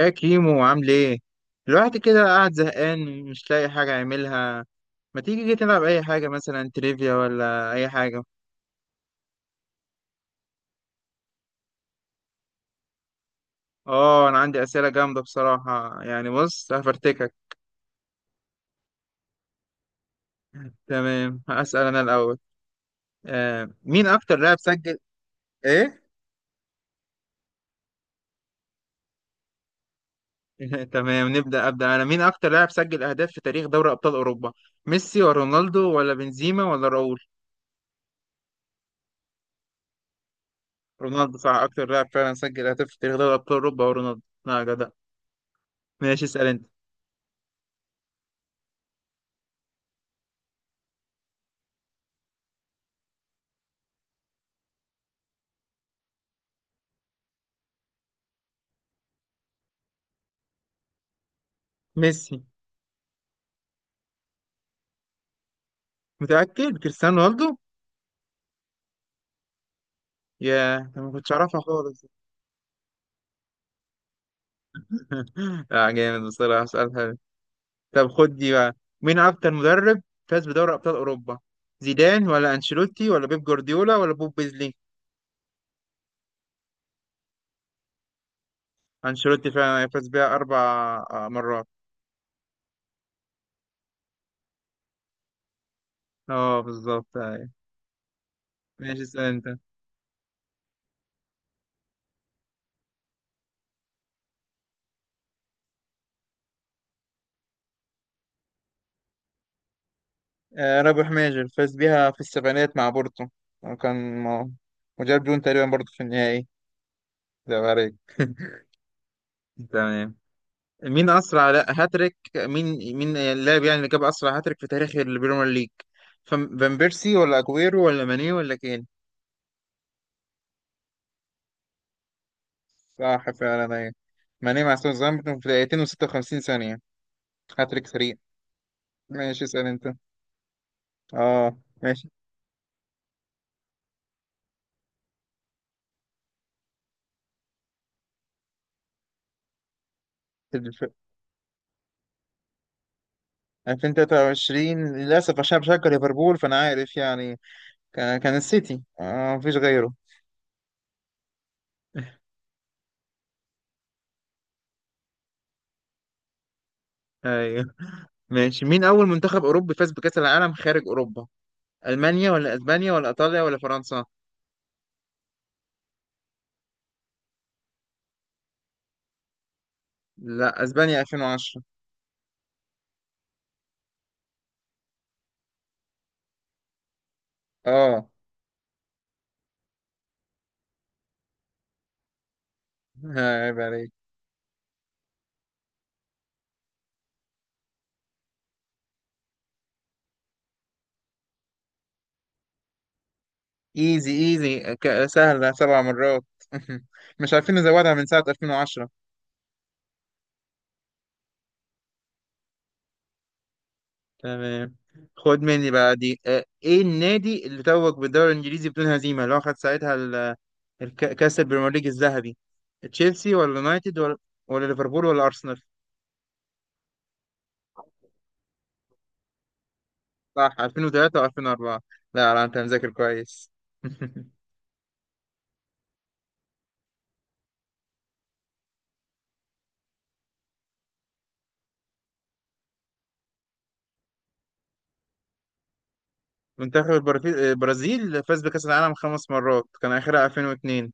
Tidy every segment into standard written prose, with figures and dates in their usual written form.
يا كيمو عامل ايه؟ الواحد كده قاعد زهقان مش لاقي حاجة يعملها. ما تيجي كده نلعب أي حاجة مثلا تريفيا ولا أي حاجة. اه أنا عندي أسئلة جامدة بصراحة يعني بص هفرتكك. تمام هسأل أنا الأول. مين أكتر لاعب سجل ايه؟ تمام نبدأ أبدأ أنا، مين أكتر لاعب سجل أهداف في تاريخ دوري أبطال أوروبا؟ ميسي ولا رونالدو ولا بنزيما ولا راؤول؟ رونالدو صح، أكتر لاعب فعلا سجل أهداف في تاريخ دوري أبطال أوروبا هو رونالدو. لا جدع. ماشي اسأل أنت. ميسي. متأكد كريستيانو رونالدو. يا أنا ما كنتش أعرفها خالص. لا جامد بصراحة، سؤال حلو. طب خد دي بقى، مين أكتر مدرب فاز بدوري أبطال أوروبا؟ زيدان ولا أنشيلوتي ولا بيب جوارديولا ولا بوب بيزلي؟ أنشيلوتي فعلا، فاز بيها أربع مرات. اه بالظبط أيوة. ماشي اسأل أنت. آه رابح ماجر فاز بيها في السبعينات مع بورتو، وكان م- وجاب جون تقريبا برضه في النهائي. ده عليك. تمام، مين اسرع لا هاتريك، مين اللاعب يعني اللي جاب اسرع هاتريك في تاريخ البريمير ليج؟ فان بيرسي ولا اجويرو ولا ماني ولا كين؟ صح فعلا ايوه، ماني مع ساوثهامبتون في دقيقتين و56 ثانية، هاتريك سريع. ماشي اسأل انت. اه ماشي. الف- 2023 للأسف عشان بشجع ليفربول فأنا عارف يعني، كان السيتي، آه مفيش غيره. ايوه ماشي، مين أول منتخب أوروبي فاز بكأس العالم خارج أوروبا؟ ألمانيا ولا أسبانيا ولا إيطاليا ولا فرنسا؟ لا اسبانيا 2010. اه ها، عيب عليك. ايزي ايزي سهلة، سبع مرات. مش عارفين نزودها من ساعة 2010. تمام خد مني بقى دي، آه، ايه النادي اللي توج بالدوري الانجليزي بدون هزيمة اللي هو خد ساعتها كاس البريمير ليج الذهبي؟ تشيلسي ولا يونايتد ولا ولا ليفربول ولا ارسنال؟ صح 2003 و2004. لا لا انت مذاكر كويس. منتخب البرازيل البرازيل فاز بكاس العالم خمس مرات كان اخرها 2002.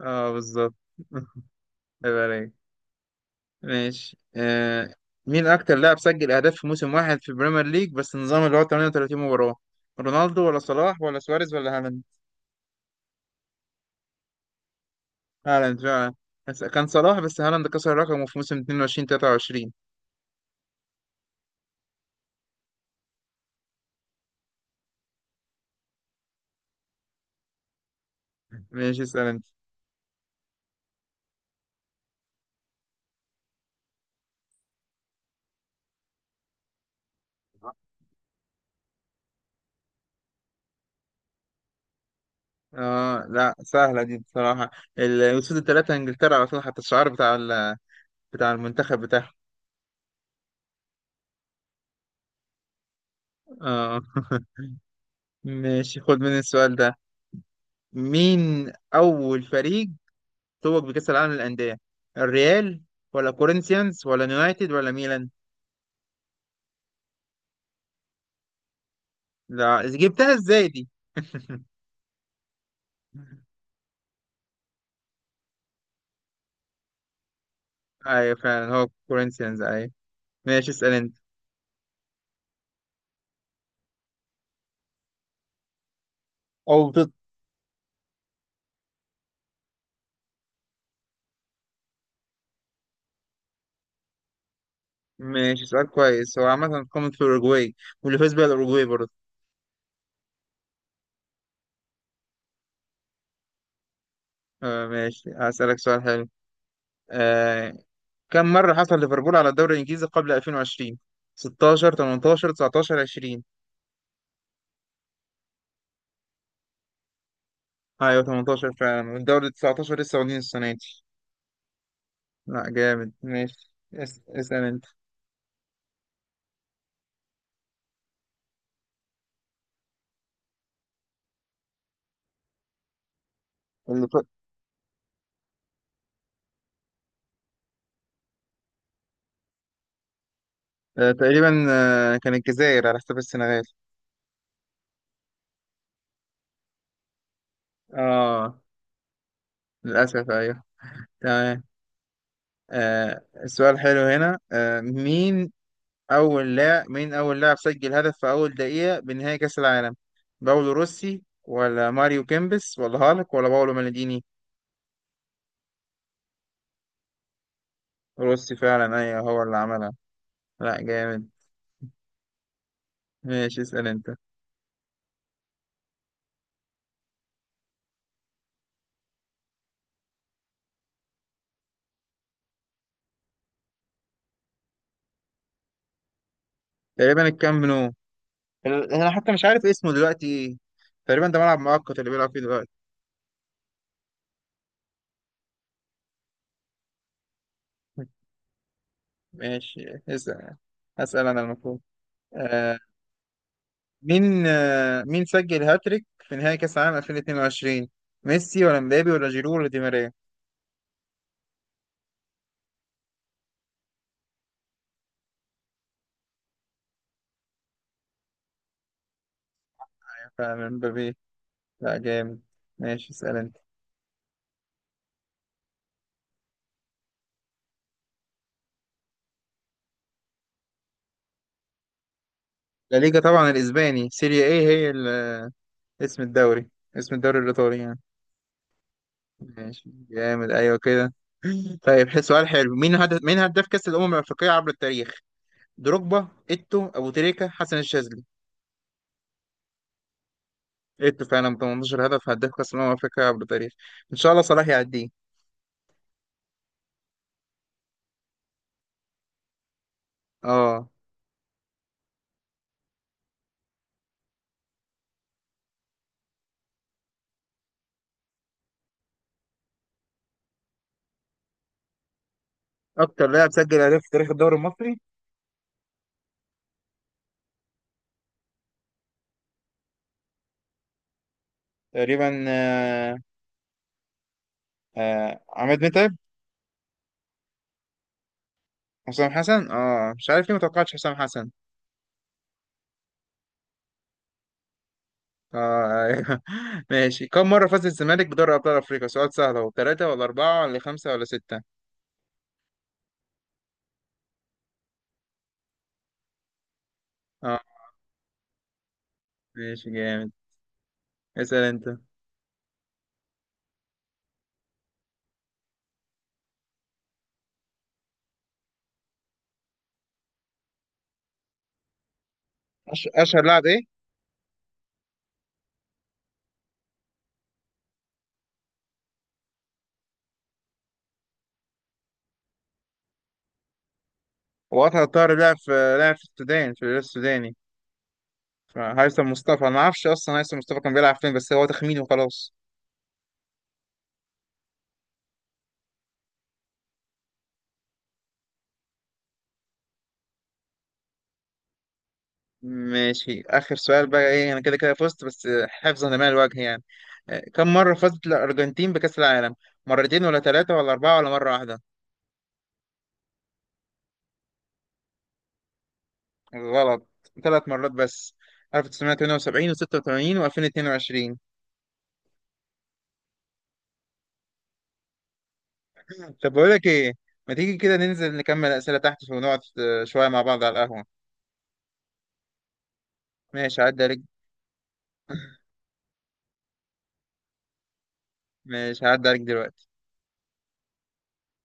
اه بالظبط. هيبقى رايق. ماشي آه، مين اكتر لاعب سجل اهداف في موسم واحد في البريمير ليج بس النظام اللي هو 38 مباراة؟ رونالدو ولا صلاح ولا سواريز ولا هالاند؟ هالاند فعلا، بس كان صلاح، بس هالاند كسر رقمه في موسم 22 23. ماشي اسال انت. اه لا سهلة دي بصراحة، الأسود الثلاثة انجلترا على طول، حتى الشعار بتاع المنتخب بتاعهم. اه. ماشي خد مني السؤال ده، مين أول فريق توج بكأس العالم للأندية؟ الريال ولا كورنثيانز ولا يونايتد ولا ميلان؟ لا جبتها ازاي دي. ايوه فعلا هو كورنثيانز ايوه. ماشي اسأل انت. او بت... ماشي سؤال كويس، هو عامة قامت في الأوروجواي، واللي فاز بيها الأوروجواي برضه. آه ماشي هسألك سؤال حلو، آه كم مرة حصل ليفربول على الدوري الإنجليزي قبل 2020؟ 16 18 19 20؟ ايوه 18 فعلا، والدوري 19 لسه واخدين السنة دي. لا جامد ماشي اسأل انت. اللي ف... آه، تقريبا آه، كان الجزائر على حساب السنغال. اه للأسف أيوه. تمام آه، السؤال حلو هنا، آه مين أول لاعب سجل هدف في أول دقيقة بنهائي كأس العالم؟ باولو روسي ولا ماريو كيمبس ولا هالك ولا باولو مالديني؟ روسي فعلا أيوه هو اللي عملها. لا جامد. ماشي اسأل أنت. تقريبا الكامب نو. أنا حتى مش عارف اسمه دلوقتي إيه، تقريبا ده ملعب مؤقت اللي بيلعب فيه دلوقتي. ماشي اسأل، أسأل أنا المفروض. آه، مين سجل هاتريك في نهائي كأس العالم 2022؟ ميسي ولا مبابي ولا جيرو ولا دي ماريا؟ فعلا مبابي. لا جامد. ماشي اسأل انت. لا ليجا طبعا الاسباني، سيريا ايه هي اسم الدوري اسم الدوري الايطالي يعني. ماشي جامد ايوه كده. طيب سؤال حلو، مين هداف كأس الامم الافريقية عبر التاريخ؟ دروجبا، ايتو، ابو تريكة، حسن الشاذلي؟ ايتو فعلا ب 18 هدف، هداف كأس الامم الافريقية عبر التاريخ. ان شاء الله صلاح يعديه. اه اكتر لاعب سجل اهداف في تاريخ الدوري المصري. تقريبا آه، آه، عماد متعب. حسام حسن، اه مش عارف ليه ما توقعتش حسام حسن. اه أيوه. ماشي، كم مرة فاز الزمالك بدوري أبطال أفريقيا؟ سؤال سهل اهو، ثلاثة ولا أربعة ولا خمسة ولا ستة؟ اه ماشي جامد. اسأل أنت. أشهر لاعب إيه؟ هو أطهر طاهر لعب في السودان في الهلال السوداني، فهيثم مصطفى أنا ما أعرفش أصلا هيثم مصطفى كان بيلعب فين، بس هو تخمين وخلاص. ماشي آخر سؤال بقى، إيه أنا كده كده فزت بس حفظا لما الوجه يعني. آه، كم مرة فازت الأرجنتين بكأس العالم؟ مرتين ولا ثلاثة ولا أربعة ولا مرة واحدة؟ غلط، ثلاث مرات بس، 1978 و86 و2022. طب بقول لك إيه، ما تيجي كده ننزل نكمل أسئلة تحت ونقعد آه، شوية مع بعض على القهوة. ماشي هعدي عليك، ماشي هعدي عليك دلوقتي.